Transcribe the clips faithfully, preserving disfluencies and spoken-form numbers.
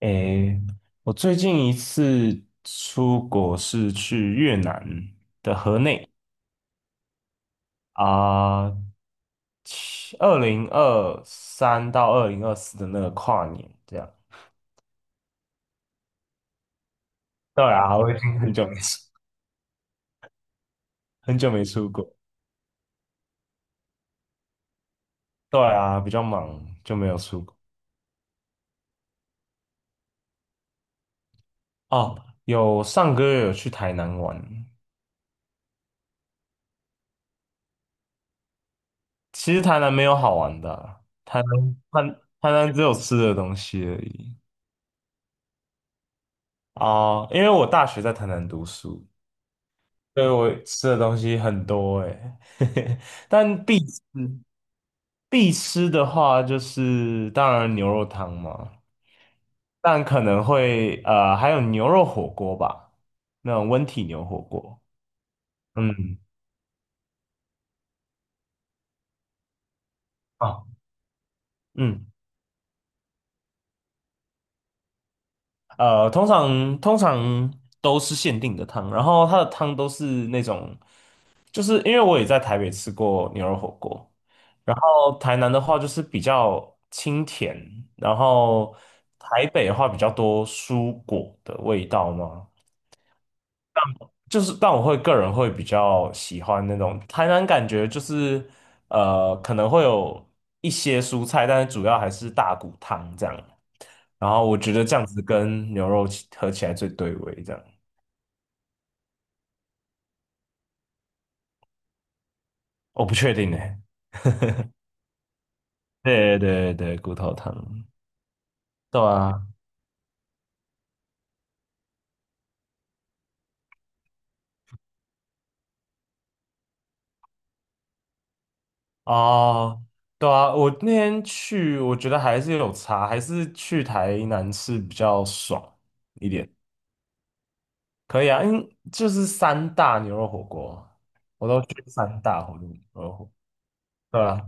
诶，我最近一次出国是去越南的河内啊，二零二三到二零二四的那个跨年这样。对啊，我已经很久没出，很久没出国。对啊，比较忙就没有出国。哦，有上个月有去台南玩，其实台南没有好玩的啊。台南台台南只有吃的东西而已啊，因为我大学在台南读书。对，我吃的东西很多诶，欸 但必吃必吃的话，就是当然牛肉汤嘛，但可能会呃还有牛肉火锅吧，那种温体牛火锅。嗯啊嗯呃，通常通常都是限定的汤，然后它的汤都是那种，就是因为我也在台北吃过牛肉火锅，然后台南的话就是比较清甜，然后台北的话比较多蔬果的味道嘛，就是但我会个人会比较喜欢那种，台南感觉就是呃可能会有一些蔬菜，但是主要还是大骨汤这样，然后我觉得这样子跟牛肉起合起来最对味这样，我不确定呢、对对对对，骨头汤，对啊。哦，对啊，我那天去，我觉得还是有差，还是去台南吃比较爽一点。可以啊，因为就是三大牛肉火锅，我都去三大火牛肉火锅。哦，对啊，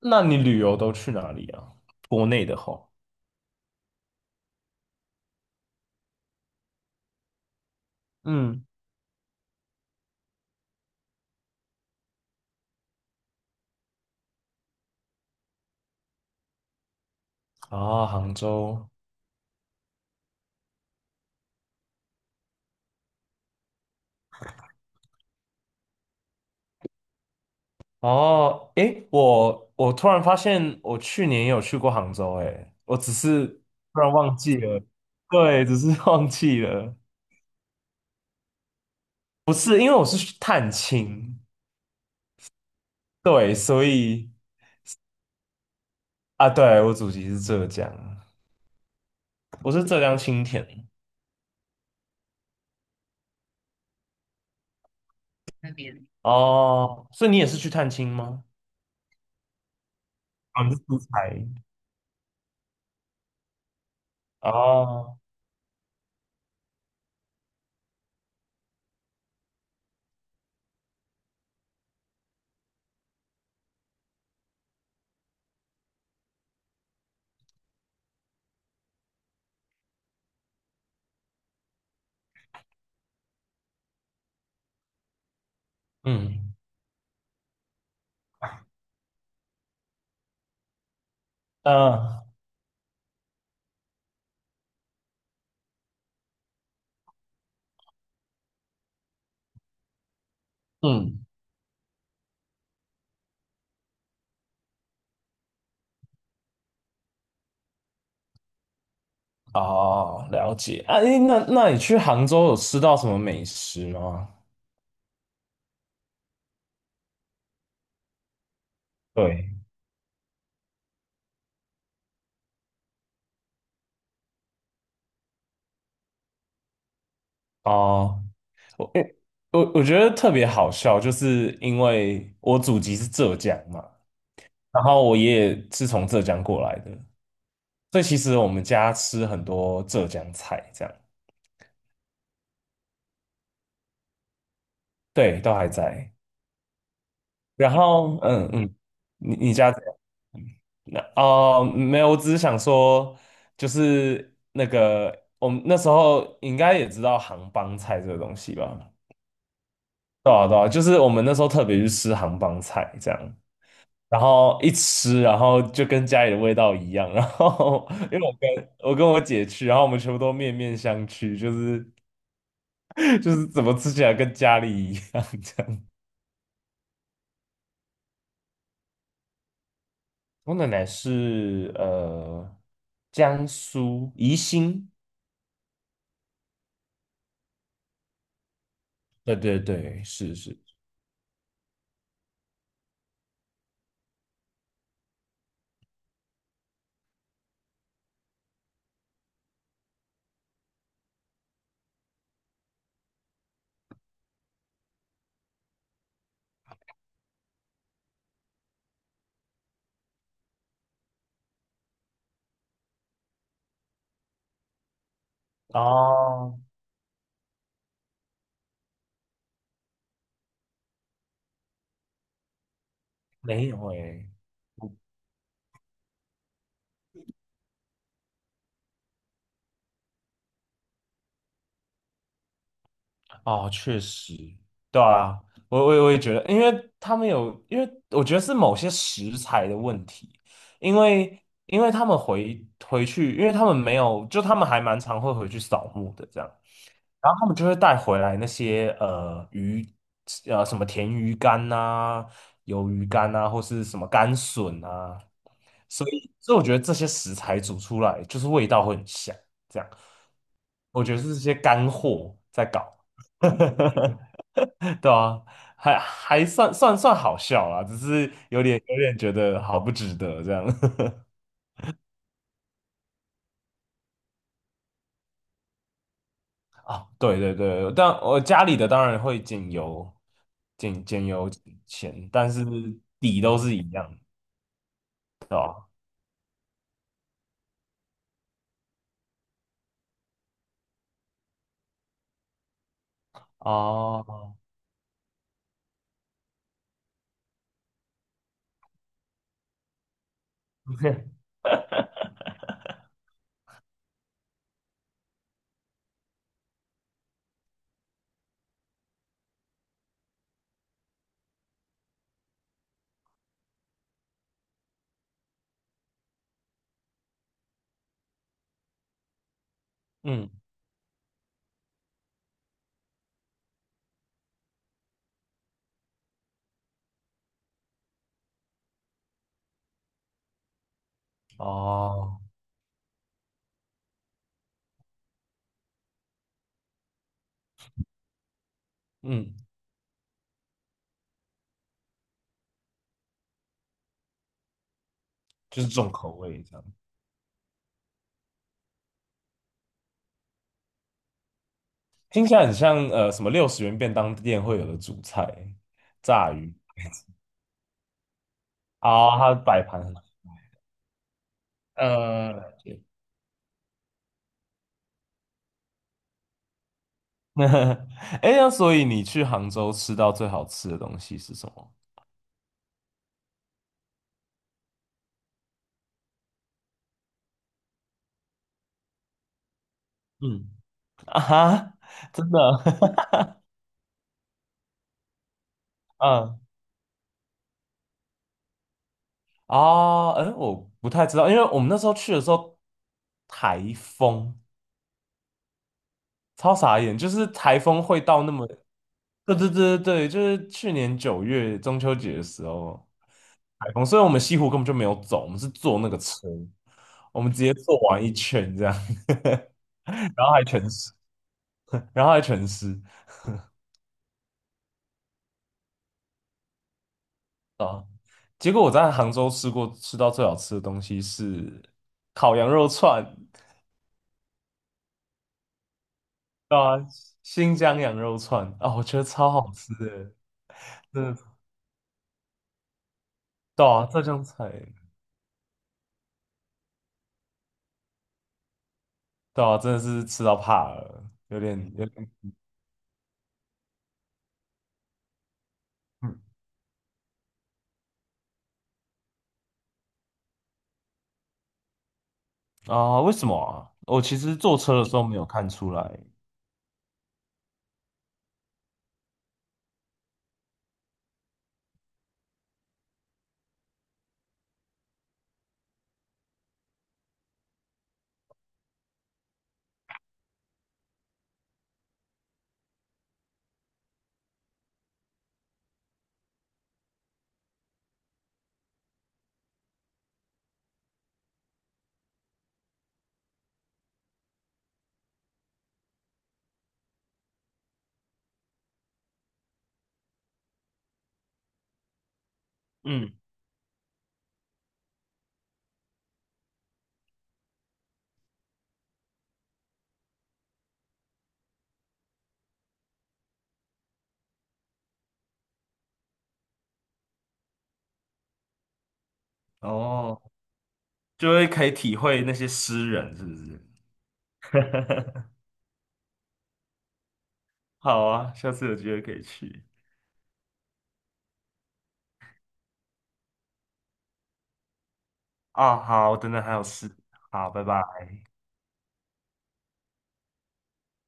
那你旅游都去哪里啊？国内的话，嗯，啊，杭州。哦，诶，我我突然发现，我去年也有去过杭州，诶，我只是突然忘记了，对，只是忘记了。不是，因为我是去探亲，对，所以啊，对，我祖籍是浙江，我是浙江青田。那边。哦，所以你也是去探亲吗？我你是出差。哦，嗯，嗯，嗯，哦，了解。啊，诶，那那你去杭州有吃到什么美食吗？对，哦，我诶我我觉得特别好笑，就是因为我祖籍是浙江嘛，然后我爷爷是从浙江过来的，所以其实我们家吃很多浙江菜，这样。对，都还在。然后，嗯嗯，你你家怎样那哦，没有，我只是想说，就是那个我们那时候应该也知道杭帮菜这个东西吧？对啊对啊，就是我们那时候特别去吃杭帮菜这样，然后一吃，然后就跟家里的味道一样。然后 因为我跟我跟我姐去，然后我们全部都面面相觑，就是 就是怎么吃起来跟家里一样这样。我奶奶是呃江苏宜兴，对对对，是是。哦，没有诶，哦，确实，对啊，我我我也觉得，因为他们有，因为我觉得是某些食材的问题，因为因为他们回回去，因为他们没有，就他们还蛮常会回去扫墓的这样。然后他们就会带回来那些呃鱼，呃什么甜鱼干呐、鱿鱼干呐、或是什么干笋啊，所以所以我觉得这些食材煮出来就是味道会很香。这样，我觉得是这些干货在搞，对啊，还还算算算好笑啦，只是有点有点觉得好不值得这样。对对对，但我家里的当然会减油，减减油钱，但是底都是一样的，对吧？哦，嗯，哦，嗯，就是重口味这样，听起来很像呃什么六十元便当店会有的主菜，炸鱼，哦，它摆盘很，呃，哎，那所以你去杭州吃到最好吃的东西是什么？嗯，啊哈，真的，嗯。啊，哎，我不太知道，因为我们那时候去的时候，台风，超傻眼，就是台风会到那么，对对对对对，就是去年九月中秋节的时候，台风，所以我们西湖根本就没有走，我们是坐那个车，我们直接坐完一圈这样，然后还全湿，然后还全湿啊。结果我在杭州吃过吃到最好吃的东西是烤羊肉串，对啊，新疆羊肉串啊，我觉得超好吃的，真的，对啊，浙江菜，对啊，真的是吃到怕了，有点有点，嗯啊，为什么啊？我其实坐车的时候没有看出来，嗯，哦，就会可以体会那些诗人是不是？好啊，下次有机会可以去。啊，好，我等等还有事，好，拜拜。